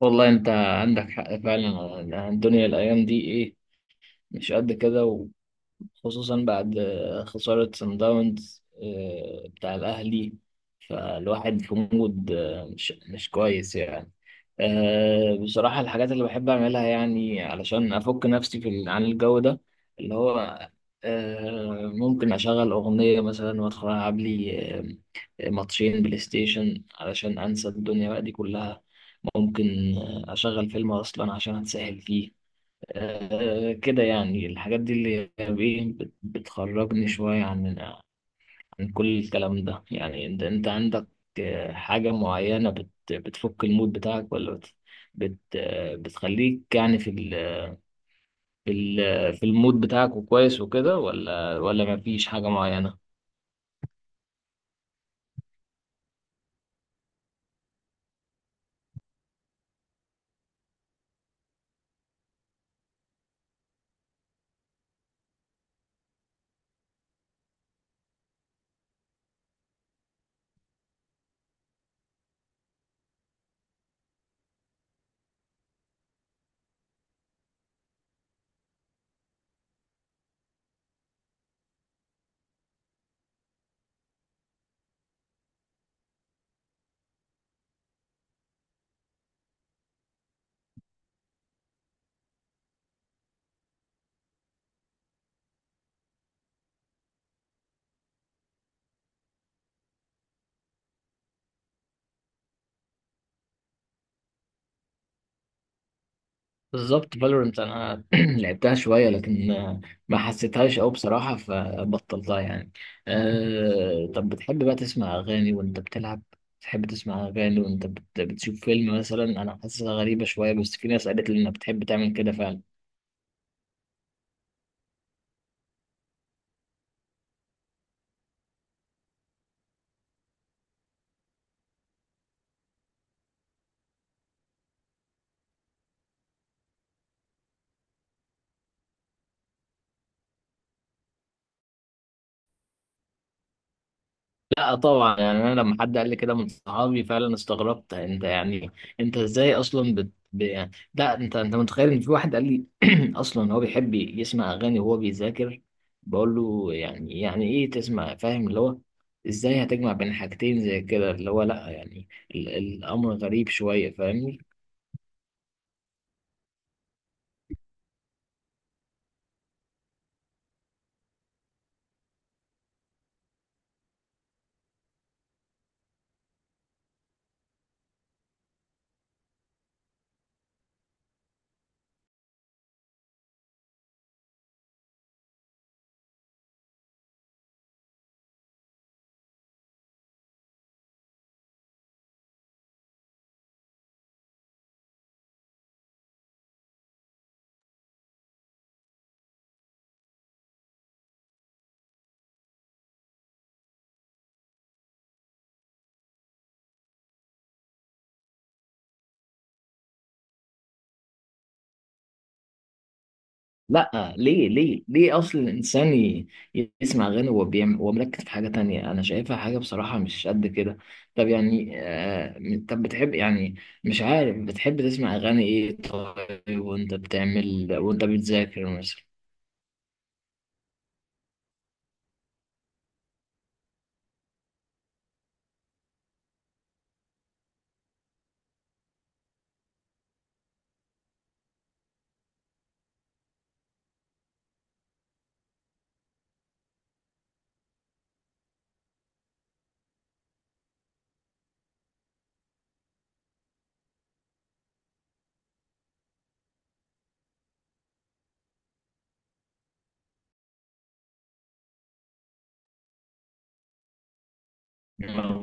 والله انت عندك حق فعلا، الدنيا الايام دي ايه مش قد كده. خصوصا بعد خسارة سان داونز بتاع الأهلي. فالواحد في مود مش كويس يعني. بصراحة، الحاجات اللي بحب أعملها يعني علشان أفك نفسي عن الجو ده. اللي هو ممكن أشغل أغنية مثلا وأدخل ألعب لي ماتشين بلاي ستيشن علشان أنسى الدنيا بقى دي كلها. ممكن أشغل فيلم أصلا عشان أتسهل فيه. كده يعني، الحاجات دي اللي هي إيه بتخرجني شوية عن كل الكلام ده. يعني انت عندك حاجة معينة بتفك المود بتاعك، ولا بت بت آه، بتخليك يعني في المود بتاعك وكويس وكده، ولا مفيش حاجة معينة؟ بالظبط. فالورنت انا لعبتها شويه، لكن ما حسيتهاش قوي بصراحه فبطلتها يعني. طب بتحب بقى تسمع اغاني وانت بتلعب؟ بتحب تسمع اغاني وانت بتشوف فيلم مثلا؟ انا حاسسها غريبه شويه، بس في ناس قالت لي انها بتحب تعمل كده. لا طبعا، يعني انا لما حد قال لي كده من صحابي فعلا استغربت. انت يعني، انت ازاي اصلا يعني، لا انت متخيل ان في واحد قال لي اصلا هو بيحب يسمع اغاني وهو بيذاكر؟ بقول له يعني يعني ايه تسمع، فاهم اللي هو، ازاي هتجمع بين حاجتين زي كده؟ اللي هو لا يعني الامر غريب شويه فاهمني. لا، ليه ليه ليه؟ اصل الانسان يسمع اغاني وهو بيعمل وهو مركز في حاجه تانية، انا شايفها حاجه بصراحه مش قد كده. طب يعني طب بتحب يعني، مش عارف، بتحب تسمع اغاني ايه طيب وانت بتعمل وانت بتذاكر مثلا؟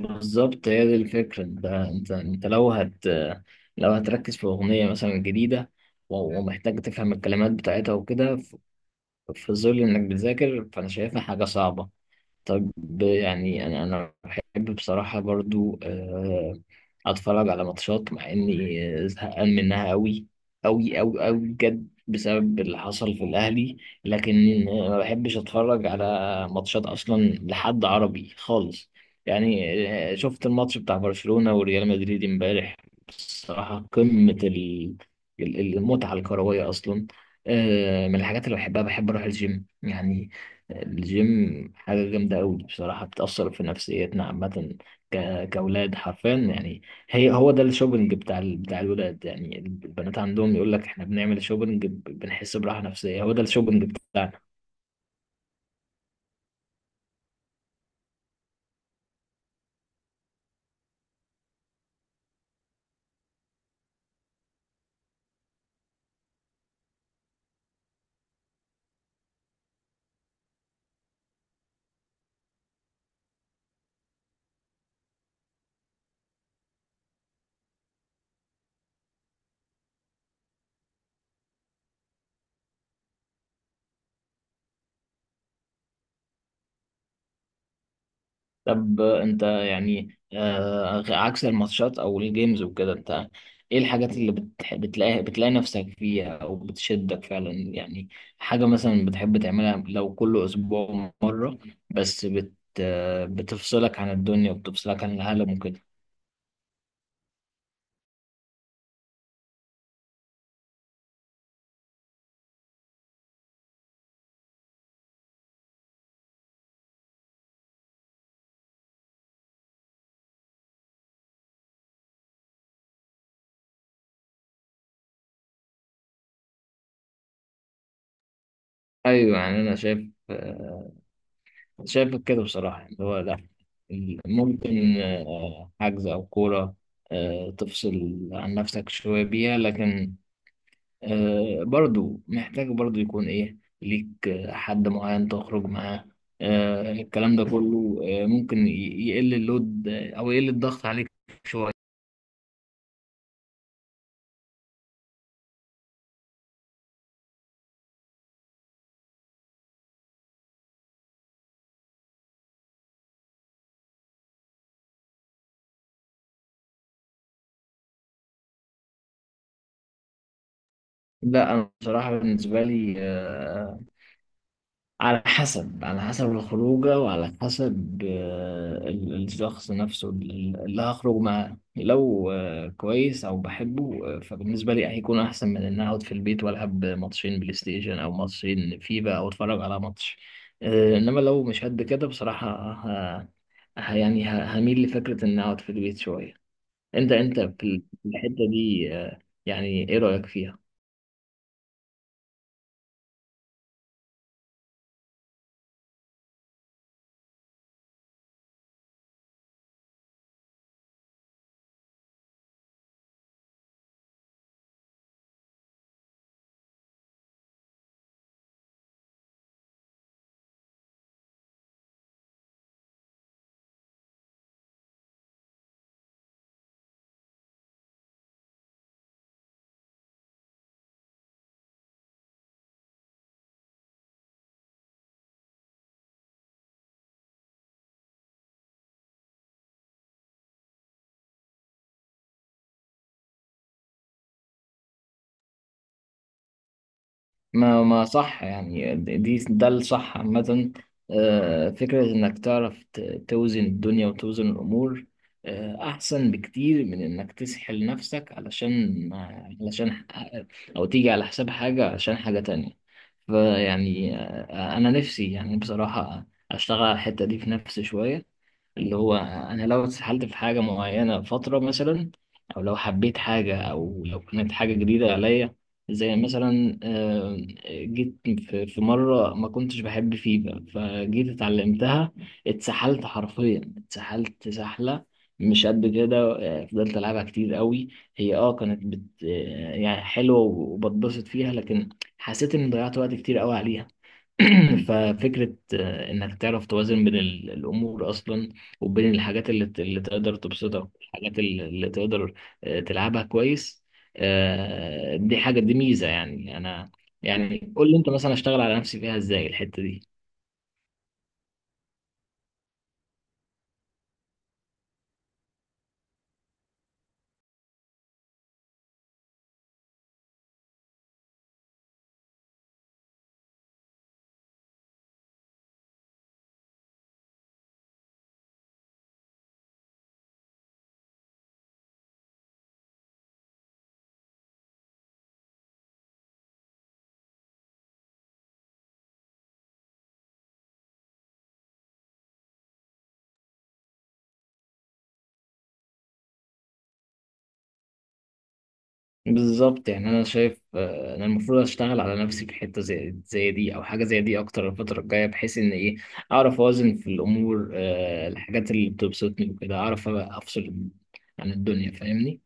بالظبط، هي دي الفكره. انت لو هتركز في اغنيه مثلا جديده ومحتاج تفهم الكلمات بتاعتها وكده في ظل انك بتذاكر، فانا شايفها حاجه صعبه. طب يعني انا بحب بصراحه برضو اتفرج على ماتشات، مع اني زهقان منها قوي قوي قوي قوي بجد بسبب اللي حصل في الاهلي. لكن ما بحبش اتفرج على ماتشات اصلا لحد عربي خالص يعني. شفت الماتش بتاع برشلونه وريال مدريد امبارح. بصراحه قمه المتعه الكرويه اصلا. من الحاجات اللي بحبها، بحب اروح الجيم يعني. الجيم حاجة جامدة أوي بصراحة، بتأثر في نفسيتنا عامة كأولاد حرفيا يعني. هو ده الشوبينج بتاع بتاع الولاد. يعني البنات عندهم يقول لك إحنا بنعمل شوبينج، بنحس براحة نفسية. هو ده الشوبينج بتاعنا. طب انت يعني عكس الماتشات او الجيمز وكده، انت ايه الحاجات اللي بتلاقي نفسك فيها او بتشدك فعلا يعني؟ حاجة مثلا بتحب تعملها لو كل اسبوع مرة، بس بت... آه، بتفصلك عن الدنيا وبتفصلك عن العالم وكده. ايوه، يعني انا شايف كده بصراحة، اللي هو لا. ممكن حجز او كورة تفصل عن نفسك شوية بيها، لكن برضو محتاج برضو يكون ايه ليك حد معين تخرج معاه. الكلام ده كله ممكن يقل اللود او يقل الضغط عليك شوية. لا انا بصراحة، بالنسبة لي على حسب الخروجة وعلى حسب الشخص نفسه، اللي هخرج معاه. لو كويس أو بحبه فبالنسبة لي هيكون أحسن من إن أقعد في البيت وألعب ماتشين بلاي ستيشن أو ماتشين فيفا أو أتفرج على ماتش. إنما لو مش قد كده بصراحة، ه... يعني هميل لفكرة إن أقعد في البيت شوية. أنت في الحتة دي يعني إيه رأيك فيها؟ ما صح يعني، ده الصح عامة. فكرة إنك تعرف توزن الدنيا وتوزن الأمور أحسن بكتير من إنك تسحل نفسك، علشان أو تيجي على حساب حاجة عشان حاجة تانية. فيعني أنا نفسي يعني بصراحة أشتغل على الحتة دي في نفسي شوية. اللي هو انا لو اتسحلت في حاجه معينه فتره مثلا، او لو حبيت حاجه، او لو كانت حاجه جديده عليا، زي مثلا جيت في مره ما كنتش بحب فيفا، فجيت اتعلمتها. اتسحلت حرفيا، اتسحلت سحله مش قد كده. فضلت العبها كتير قوي. هي كانت بت آه، يعني حلوه وبتبسط فيها، لكن حسيت اني ضيعت وقت كتير قوي عليها. ففكرة إنك تعرف توازن بين الأمور أصلا، وبين الحاجات اللي تقدر تبسطك، الحاجات اللي تقدر تلعبها كويس. دي حاجة، دي ميزة يعني. أنا يعني قول لي أنت مثلا أشتغل على نفسي فيها إزاي الحتة دي؟ بالظبط، يعني أنا شايف أنا المفروض أشتغل على نفسي في حتة زي دي أو حاجة زي دي أكتر الفترة الجاية، بحيث إن إيه، أعرف أوازن في الأمور. الحاجات اللي بتبسطني وكده أعرف أبقى أفصل عن الدنيا، فاهمني.